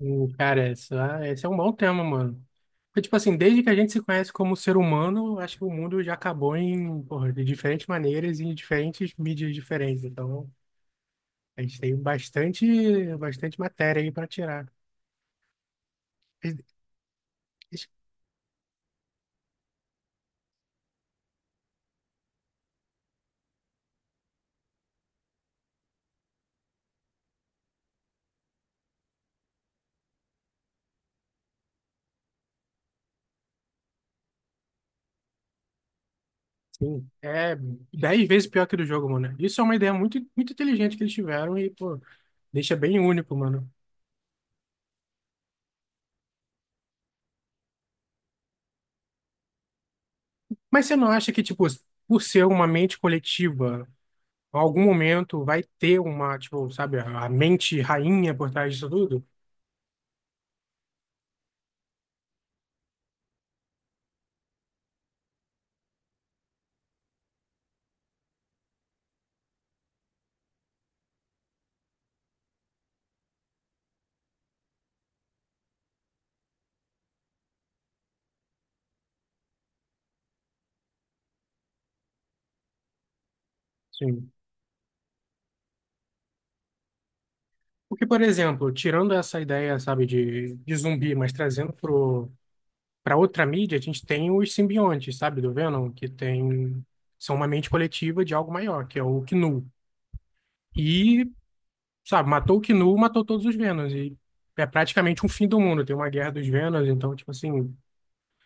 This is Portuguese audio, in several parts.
Cara, esse é um bom tema, mano. Porque, tipo assim, desde que a gente se conhece como ser humano, eu acho que o mundo já acabou porra, de diferentes maneiras e em diferentes mídias diferentes. Então, a gente tem bastante, bastante matéria aí pra tirar. Mas, sim, é 10 vezes pior que do jogo, mano. Isso é uma ideia muito, muito inteligente que eles tiveram e, pô, deixa bem único, mano. Mas você não acha que, tipo, por ser uma mente coletiva, em algum momento vai ter uma, tipo, sabe, a mente rainha por trás disso tudo? Sim. Porque, por exemplo, tirando essa ideia, sabe, de zumbi, mas trazendo pra outra mídia, a gente tem os simbiontes, sabe, do Venom, são uma mente coletiva de algo maior, que é o Knu. E, sabe, matou o Knu, matou todos os Venoms. E é praticamente um fim do mundo. Tem uma guerra dos Venoms, então, tipo assim,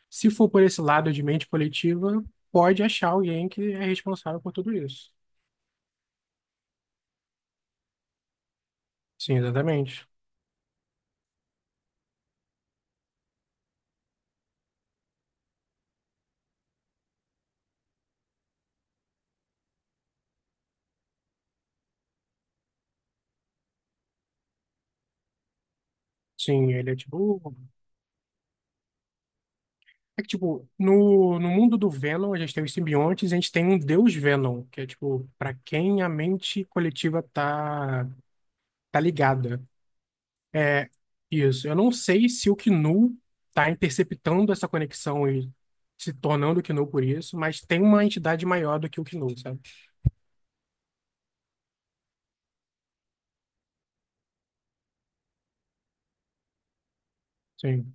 se for por esse lado de mente coletiva, pode achar alguém que é responsável por tudo isso. Sim, exatamente. Sim, ele é tipo. É que, tipo, no mundo do Venom, a gente tem os simbiontes e a gente tem um deus Venom, que é, tipo, para quem a mente coletiva tá ligada. Isso. Eu não sei se o Knu tá interceptando essa conexão e se tornando o Knu por isso, mas tem uma entidade maior do que o Knu, sabe? Sim,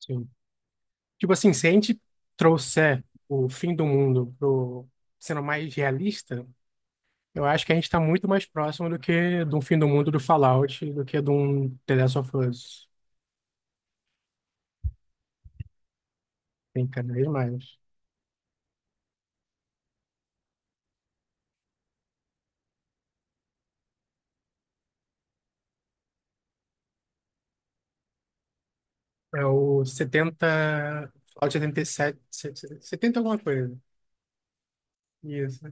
sim. Tipo assim, se a gente trouxer o fim do mundo pro sendo mais realista. Eu acho que a gente está muito mais próximo do que de um fim do mundo do Fallout, do que de um The Last of Us. Tem cada vez mais. É o 70, Fallout 77, 70 alguma coisa. Isso.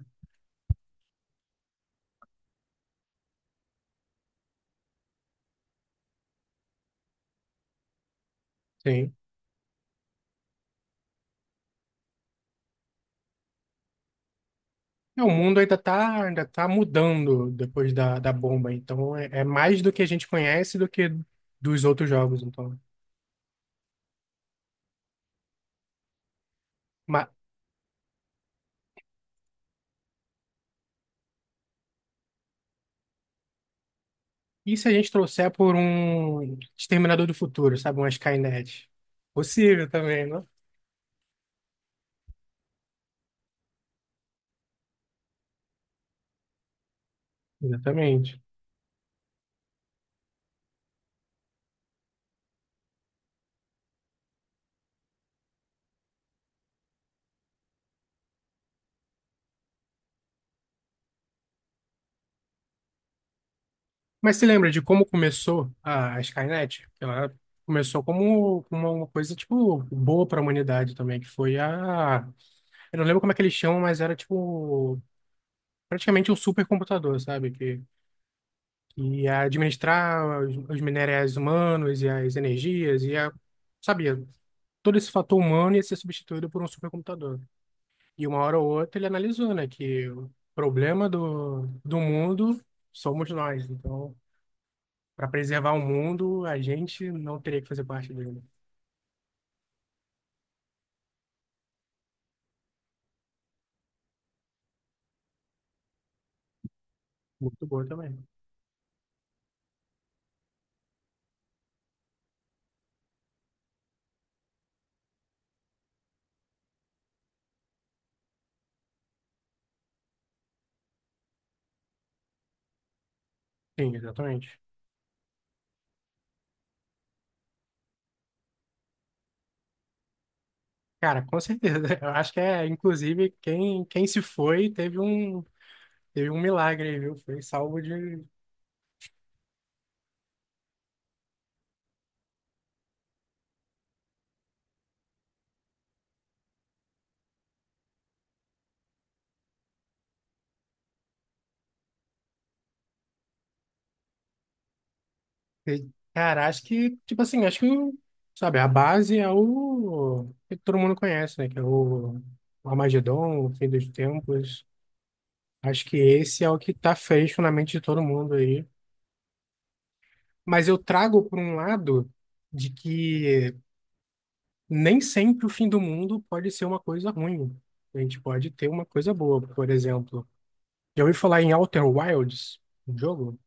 Sim. É, o mundo ainda tá mudando depois da bomba, então é mais do que a gente conhece do que dos outros jogos, então. Mas e se a gente trouxer por um Exterminador do Futuro, sabe? Uma Skynet? Possível também, não? Exatamente. Mas você lembra de como começou a Skynet? Ela começou como uma coisa, tipo, boa para a humanidade também, que foi a... Eu não lembro como é que eles chamam, mas era, tipo, praticamente um supercomputador, sabe? Que ia administrar os minerais humanos e as energias, ia... Sabia, todo esse fator humano ia ser substituído por um supercomputador. E uma hora ou outra ele analisou, né, que o problema do mundo somos nós. Então... Para preservar o mundo, a gente não teria que fazer parte dele. Muito boa também. Sim, exatamente. Cara, com certeza. Eu acho que é, inclusive, quem se foi teve um milagre aí, viu? Foi salvo de. de- Cara, acho que, tipo assim, sabe, a base é o que todo mundo conhece, né? Que é o Armagedon, o fim dos tempos. Acho que esse é o que tá fecho na mente de todo mundo aí. Mas eu trago por um lado de que nem sempre o fim do mundo pode ser uma coisa ruim. A gente pode ter uma coisa boa, por exemplo. Já ouvi falar em Outer Wilds, um jogo?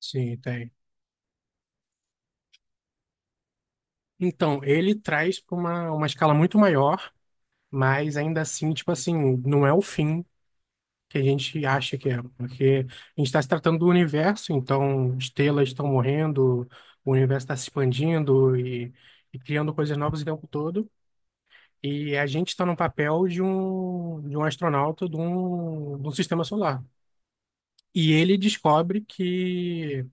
Sim, tem. Então, ele traz para uma escala muito maior, mas ainda assim, tipo assim, não é o fim que a gente acha que é, porque a gente está se tratando do universo, então estrelas estão morrendo, o universo está se expandindo e criando coisas novas o tempo todo. E a gente está no papel de um astronauta de um sistema solar. E ele descobre que,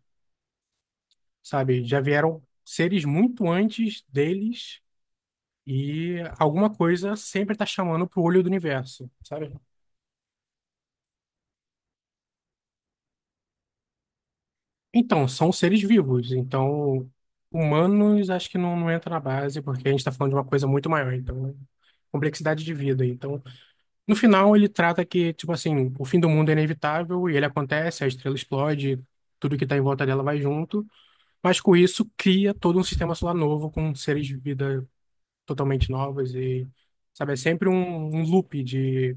sabe, já vieram seres muito antes deles e alguma coisa sempre está chamando pro olho do universo, sabe? Então, são seres vivos. Então, humanos acho que não, não entra na base, porque a gente está falando de uma coisa muito maior. Então, complexidade de vida. Então, no final, ele trata que, tipo assim, o fim do mundo é inevitável e ele acontece, a estrela explode, tudo que tá em volta dela vai junto, mas com isso cria todo um sistema solar novo, com seres de vida totalmente novas e, sabe, é sempre um loop de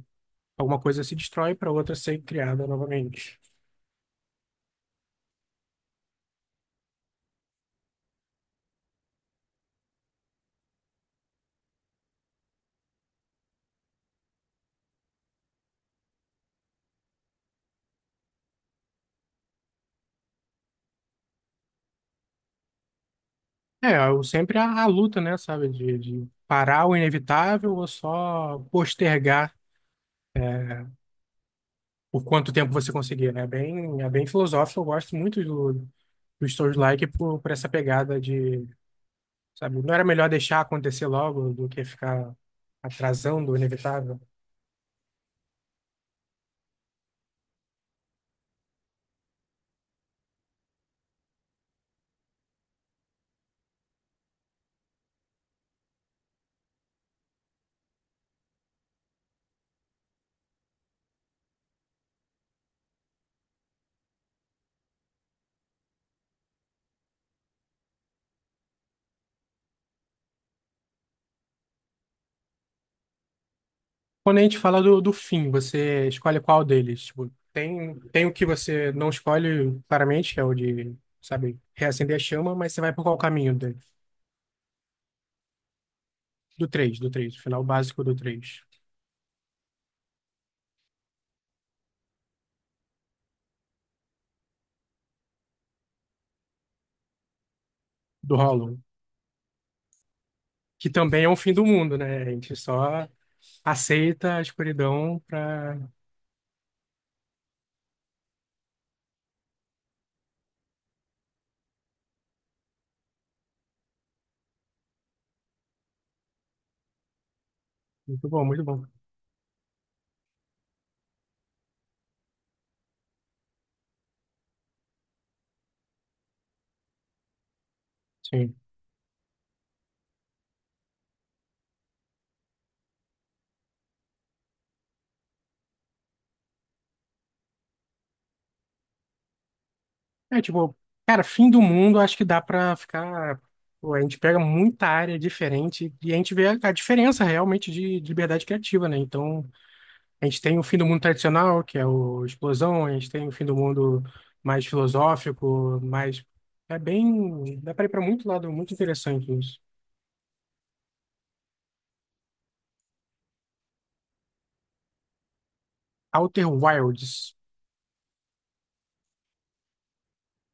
alguma coisa se destrói para outra ser criada novamente. É, eu sempre a, luta, né, sabe, de parar o inevitável ou só postergar é, por quanto tempo você conseguir, né? É bem filosófico, eu gosto muito do Souls-like por essa pegada de, sabe, não era melhor deixar acontecer logo do que ficar atrasando o inevitável? Quando a gente fala do fim, você escolhe qual deles? Tipo, tem o que você não escolhe claramente, que é o de, sabe, reacender a chama, mas você vai por qual caminho dele? Do três, o final básico do 3, do Hollow. Que também é um fim do mundo, né? A gente só aceita a escuridão para Muito bom, muito bom. Sim. É, tipo, cara, fim do mundo, acho que dá pra ficar. Pô, a gente pega muita área diferente e a gente vê a diferença realmente de liberdade criativa, né? Então, a gente tem o fim do mundo tradicional, que é o Explosão, a gente tem o fim do mundo mais filosófico, mais. É bem. Dá pra ir pra muito lado, muito interessante isso. Outer Wilds,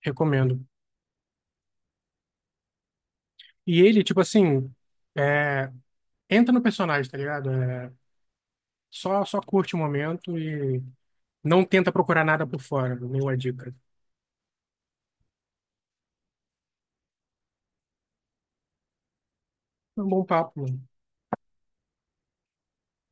recomendo. E ele, tipo assim, é, entra no personagem, tá ligado? É, só curte o momento. Não tenta procurar nada por fora, nenhuma dica. Foi um bom papo, mano.